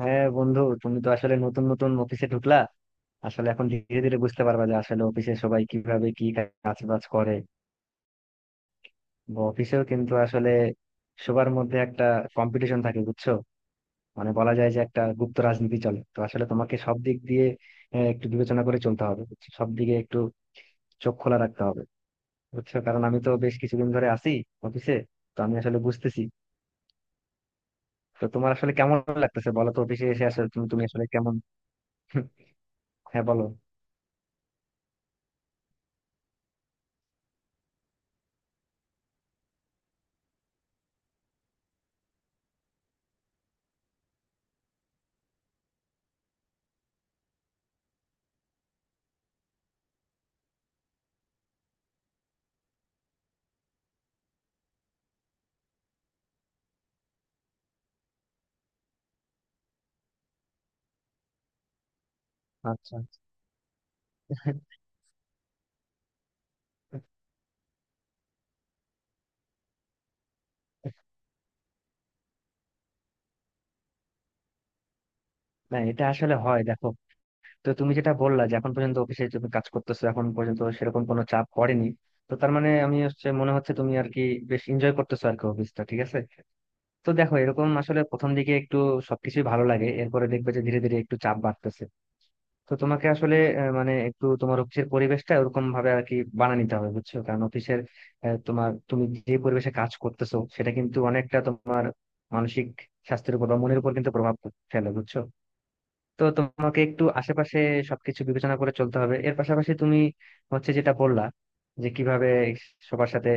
হ্যাঁ বন্ধু, তুমি তো আসলে নতুন নতুন অফিসে ঢুকলা। আসলে এখন ধীরে ধীরে বুঝতে পারবা যে আসলে অফিসে সবাই কিভাবে কি কাজ বাজ করে। অফিসেও কিন্তু আসলে সবার মধ্যে একটা কম্পিটিশন থাকে, বুঝছো? মানে বলা যায় যে একটা গুপ্ত রাজনীতি চলে। তো আসলে তোমাকে সব দিক দিয়ে একটু বিবেচনা করে চলতে হবে, বুঝছো? সব দিকে একটু চোখ খোলা রাখতে হবে। বুঝছো, কারণ আমি তো বেশ কিছুদিন ধরে আছি অফিসে। তো আমি আসলে বুঝতেছি। তো তোমার আসলে কেমন লাগতেছে বলো তো, অফিসে এসে আসলে তুমি তুমি আসলে কেমন? হ্যাঁ বলো। আচ্ছা, না এটা আসলে হয়, দেখো। তো তুমি যেটা বললা যে এখন পর্যন্ত অফিসে তুমি কাজ করতেছো, এখন পর্যন্ত সেরকম কোনো চাপ পড়েনি। তো তার মানে আমি হচ্ছে মনে হচ্ছে তুমি আর কি বেশ এনজয় করতেছো আর কি, অফিসটা ঠিক আছে। তো দেখো, এরকম আসলে প্রথম দিকে একটু সবকিছুই ভালো লাগে। এরপরে দেখবে যে ধীরে ধীরে একটু চাপ বাড়তেছে। তো তোমাকে আসলে মানে একটু তোমার অফিসের পরিবেশটা ওরকম ভাবে আর কি বানিয়ে নিতে হবে, বুঝছো, কারণ অফিসের তোমার তুমি যে পরিবেশে কাজ করতেছো সেটা কিন্তু অনেকটা তোমার মানসিক স্বাস্থ্যের উপর বা মনের উপর কিন্তু প্রভাব ফেলে, বুঝছো। তো তোমাকে একটু আশেপাশে সবকিছু বিবেচনা করে চলতে হবে। এর পাশাপাশি তুমি হচ্ছে যেটা বললা যে কিভাবে সবার সাথে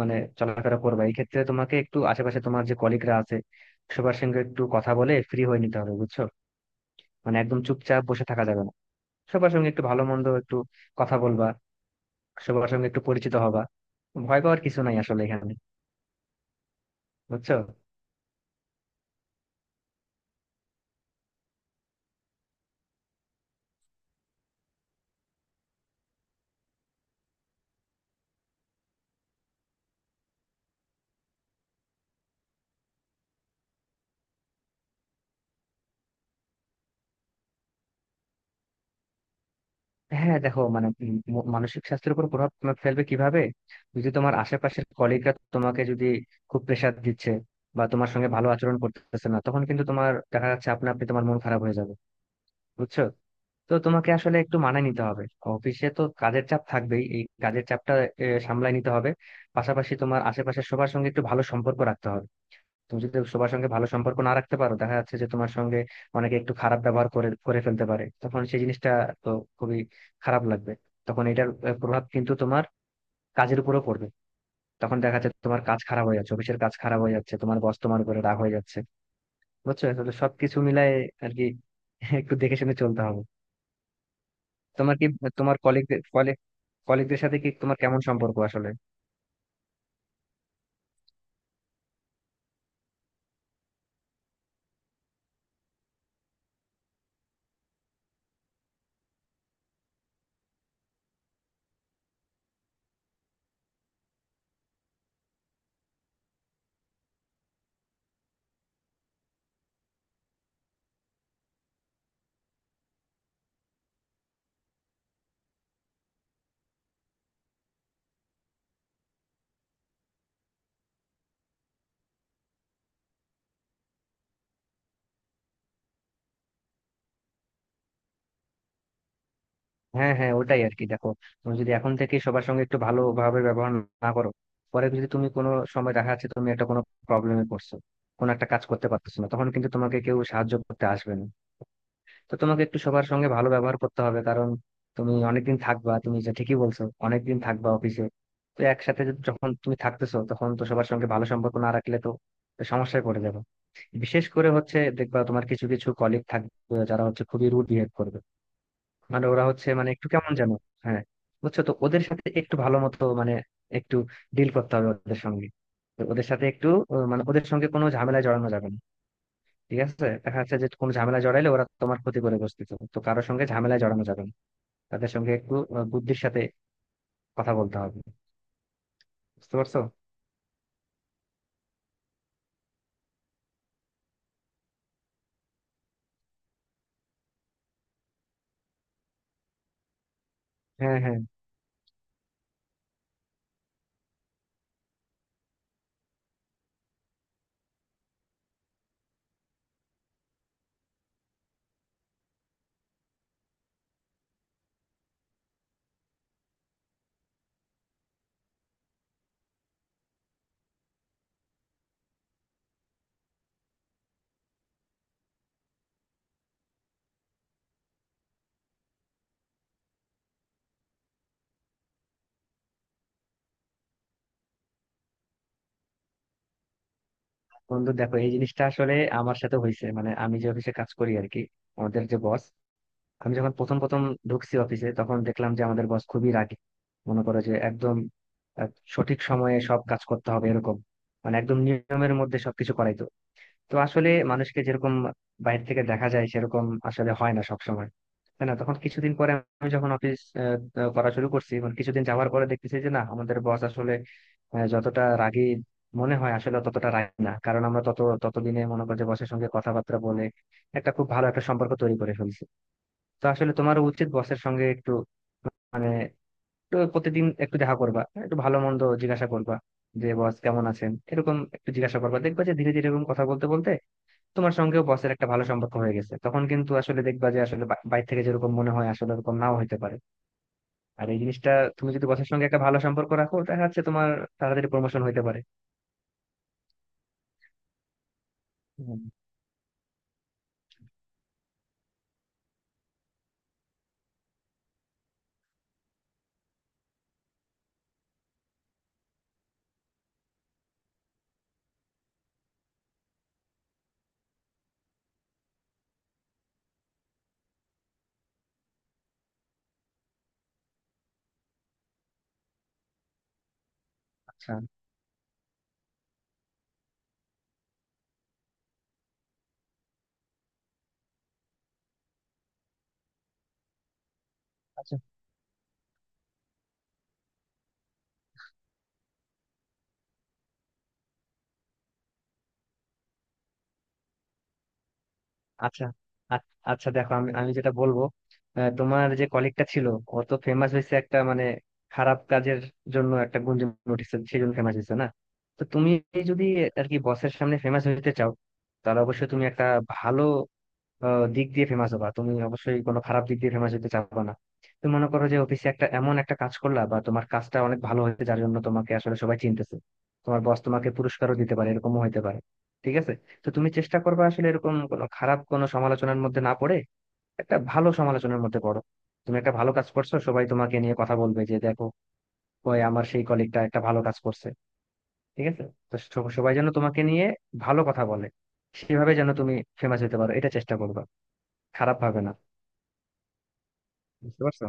মানে চলাফেরা করবে, এই ক্ষেত্রে তোমাকে একটু আশেপাশে তোমার যে কলিগরা আছে সবার সঙ্গে একটু কথা বলে ফ্রি হয়ে নিতে হবে, বুঝছো। মানে একদম চুপচাপ বসে থাকা যাবে না। সবার সঙ্গে একটু ভালো মন্দ একটু কথা বলবা, সবার সঙ্গে একটু পরিচিত হবা। ভয় পাওয়ার কিছু নাই আসলে এখানে, বুঝছো। হ্যাঁ দেখো মানে মানসিক স্বাস্থ্যের উপর প্রভাব তোমার ফেলবে কিভাবে? যদি তোমার আশেপাশের কলিগরা তোমাকে যদি খুব প্রেসার দিচ্ছে বা তোমার সঙ্গে ভালো আচরণ করতেছে না, তখন কিন্তু তোমার দেখা যাচ্ছে আপনা আপনি তোমার মন খারাপ হয়ে যাবে, বুঝছো। তো তোমাকে আসলে একটু মানায় নিতে হবে। অফিসে তো কাজের চাপ থাকবেই, এই কাজের চাপটা সামলায় নিতে হবে। পাশাপাশি তোমার আশেপাশের সবার সঙ্গে একটু ভালো সম্পর্ক রাখতে হবে। তুমি যদি সবার সঙ্গে ভালো সম্পর্ক না রাখতে পারো, দেখা যাচ্ছে যে তোমার সঙ্গে অনেকে একটু খারাপ ব্যবহার করে করে ফেলতে পারে, তখন সেই জিনিসটা তো খুবই খারাপ লাগবে। তখন এটার প্রভাব কিন্তু তোমার কাজের উপরও পড়বে। তখন দেখা যাচ্ছে তোমার কাজ খারাপ হয়ে যাচ্ছে, অফিসের কাজ খারাপ হয়ে যাচ্ছে, তোমার বস তোমার উপরে রাগ হয়ে যাচ্ছে, বুঝছো। তাহলে সবকিছু মিলায় আর কি, একটু দেখে শুনে চলতে হবে। তোমার কি তোমার কলিগ কলিগ কলিগদের সাথে কি তোমার কেমন সম্পর্ক আসলে? হ্যাঁ, হ্যাঁ, ওটাই আর কি, দেখো। তুমি যদি এখন থেকে সবার সঙ্গে একটু ভালোভাবে ব্যবহার না করো, পরে যদি তুমি কোনো সময় দেখা যাচ্ছে তুমি একটা কোনো প্রবলেমে পড়ছো, কোনো একটা কাজ করতে পারতেছো না, তখন কিন্তু তোমাকে কেউ সাহায্য করতে আসবে না। তো তোমাকে একটু সবার সঙ্গে ভালো ব্যবহার করতে হবে, কারণ তুমি অনেকদিন থাকবা, তুমি যা ঠিকই বলছো, অনেকদিন থাকবা অফিসে। তো একসাথে যখন তুমি থাকতেছো তখন তো সবার সঙ্গে ভালো সম্পর্ক না রাখলে তো তো সমস্যায় পড়ে যাবে। বিশেষ করে হচ্ছে দেখবা তোমার কিছু কিছু কলিগ থাকবে যারা হচ্ছে খুবই রুড বিহেভ করবে। মানে ওরা হচ্ছে মানে একটু কেমন যেন। হ্যাঁ, বুঝছো, তো ওদের সাথে একটু ভালো মতো মানে একটু ডিল করতে হবে ওদের সঙ্গে। তো ওদের সাথে একটু মানে ওদের সঙ্গে কোনো ঝামেলায় জড়ানো যাবে না। ঠিক আছে, দেখা যাচ্ছে যে কোনো ঝামেলা জড়াইলে ওরা তোমার ক্ষতি করে বসতেছে, তো কারোর সঙ্গে ঝামেলায় জড়ানো যাবে না। তাদের সঙ্গে একটু বুদ্ধির সাথে কথা বলতে হবে। বুঝতে পারছো? হ্যাঁ, হ্যাঁ, বন্ধু দেখো এই জিনিসটা আসলে আমার সাথে হয়েছে। মানে আমি যে অফিসে কাজ করি আর কি, আমাদের যে বস, আমি যখন প্রথম প্রথম ঢুকছি অফিসে, তখন দেখলাম যে আমাদের বস খুবই রাগী। মনে করো যে একদম আহ, সঠিক সময়ে সব কাজ করতে হবে এরকম, মানে একদম নিয়মের মধ্যে সবকিছু করাইতো। তো আসলে মানুষকে যেরকম বাইরে থেকে দেখা যায় সেরকম আসলে হয় না সব সময়, তাই না। তখন কিছুদিন পরে আমি যখন অফিস আহ, আহ, করা শুরু করছি, মানে কিছুদিন যাওয়ার পরে দেখতেছি যে না, আমাদের বস আসলে যতটা রাগী মনে হয় আসলে ততটা রাগী না, কারণ আমরা তত ততদিনে মনে করি যে বসের সঙ্গে কথাবার্তা বলে একটা খুব ভালো একটা সম্পর্ক তৈরি করে ফেলছি। তো আসলে তোমার উচিত বসের সঙ্গে একটু মানে একটু প্রতিদিন একটু দেখা করবা, একটু ভালো মন্দ জিজ্ঞাসা করবা যে বস কেমন আছেন, এরকম একটু জিজ্ঞাসা করবা। দেখবা যে ধীরে ধীরে এরকম কথা বলতে বলতে তোমার সঙ্গেও বসের একটা ভালো সম্পর্ক হয়ে গেছে। তখন কিন্তু আসলে দেখবা যে আসলে বাইরে থেকে যেরকম মনে হয় আসলে এরকম নাও হতে পারে। আর এই জিনিসটা, তুমি যদি বসের সঙ্গে একটা ভালো সম্পর্ক রাখো, দেখা যাচ্ছে তোমার তাড়াতাড়ি প্রমোশন হতে পারে। হুম। আচ্ছা, আচ্ছা, আচ্ছা, আ- আচ্ছা, দেখো আমি আমি যেটা বলবো, তোমার যে কলিগটা ছিল, ও তো ফেমাস হয়েছে একটা মানে খারাপ কাজের জন্য, একটা গুঞ্জন উঠেছে সেই জন্য ফেমাস হয়েছে না। তো তুমি যদি আর কি বসের সামনে ফেমাস হতে চাও, তাহলে অবশ্যই তুমি একটা ভালো দিক দিয়ে ফেমাস হবা, তুমি অবশ্যই কোনো খারাপ দিক দিয়ে ফেমাস হতে চাবা না। তুমি মনে করো যে অফিসে একটা এমন একটা কাজ করলা বা তোমার কাজটা অনেক ভালো হয়েছে যার জন্য তোমাকে আসলে সবাই চিনতেছে, তোমার বস তোমাকে পুরস্কারও দিতে পারে, এরকমও হতে পারে। ঠিক আছে। তো তুমি চেষ্টা করবে আসলে এরকম কোনো খারাপ কোনো সমালোচনার মধ্যে না পড়ে একটা ভালো সমালোচনার মধ্যে পড়ো। তুমি একটা ভালো কাজ করছো, সবাই তোমাকে নিয়ে কথা বলবে যে দেখো, ওই আমার সেই কলিগটা একটা ভালো কাজ করছে। ঠিক আছে, তো সবাই যেন তোমাকে নিয়ে ভালো কথা বলে, সেভাবে যেন তুমি ফেমাস হতে পারো, এটা চেষ্টা করবা, খারাপ ভাবে না। বুঝতে পারছো?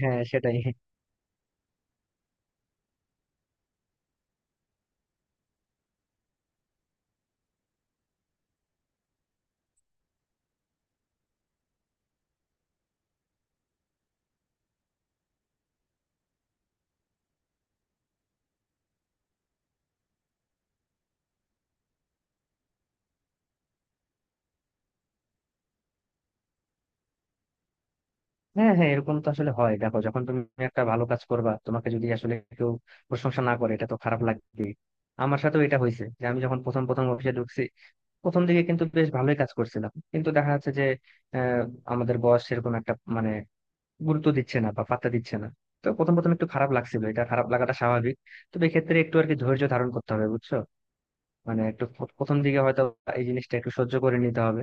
হ্যাঁ, সেটাই। হ্যাঁ, হ্যাঁ, এরকম তো আসলে হয় দেখো, যখন তুমি একটা ভালো কাজ করবা, তোমাকে যদি আসলে কেউ প্রশংসা না করে এটা তো খারাপ লাগবে। আমার সাথেও এটা হয়েছে যে আমি যখন প্রথম প্রথম অফিসে ঢুকছি, প্রথম দিকে কিন্তু বেশ ভালোই কাজ করছিলাম, কিন্তু দেখা যাচ্ছে যে আহ, আমাদের বস সেরকম একটা মানে গুরুত্ব দিচ্ছে না বা পাত্তা দিচ্ছে না। তো প্রথম প্রথম একটু খারাপ লাগছিল, এটা খারাপ লাগাটা স্বাভাবিক। তবে এক্ষেত্রে একটু আর কি ধৈর্য ধারণ করতে হবে, বুঝছো। মানে একটু প্রথম দিকে হয়তো এই জিনিসটা একটু সহ্য করে নিতে হবে।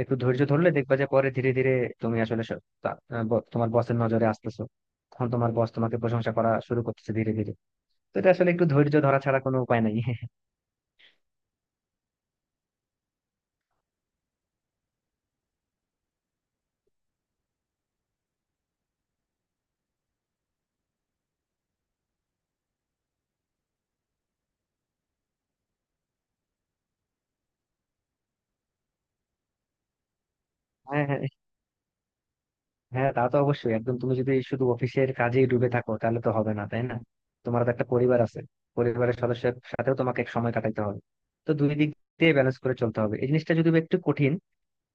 একটু ধৈর্য ধরলে দেখবা যে পরে ধীরে ধীরে তুমি আসলে তোমার বসের নজরে আসতেছো। তখন তোমার বস তোমাকে প্রশংসা করা শুরু করতেছে ধীরে ধীরে। তো এটা আসলে একটু ধৈর্য ধরা ছাড়া কোনো উপায় নাই। হ্যাঁ, হ্যাঁ, হ্যাঁ, তা তো অবশ্যই। একদম, তুমি যদি শুধু অফিসের কাজেই ডুবে থাকো তাহলে তো হবে না, তাই না। তোমার তো একটা পরিবার আছে, পরিবারের সদস্যের সাথেও তোমাকে এক সময় কাটাইতে হবে। তো দুই দিক দিয়ে ব্যালেন্স করে চলতে হবে। এই জিনিসটা যদি একটু কঠিন,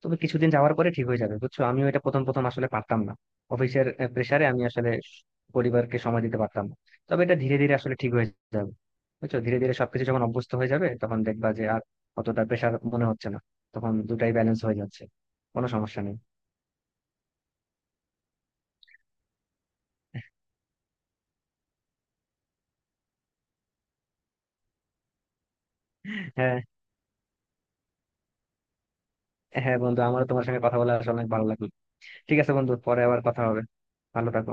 তবে কিছুদিন যাওয়ার পরে ঠিক হয়ে যাবে, বুঝছো। আমিও এটা প্রথম প্রথম আসলে পারতাম না, অফিসের প্রেসারে আমি আসলে পরিবারকে সময় দিতে পারতাম না। তবে এটা ধীরে ধীরে আসলে ঠিক হয়ে যাবে, বুঝছো। ধীরে ধীরে সবকিছু যখন অভ্যস্ত হয়ে যাবে তখন দেখবা যে আর অতটা প্রেসার মনে হচ্ছে না, তখন দুটাই ব্যালেন্স হয়ে যাচ্ছে, কোনো সমস্যা নেই। হ্যাঁ, হ্যাঁ বন্ধু, আমারও তোমার সঙ্গে কথা বলে আসলে অনেক ভালো লাগলো। ঠিক আছে বন্ধু, পরে আবার কথা হবে। ভালো থাকো।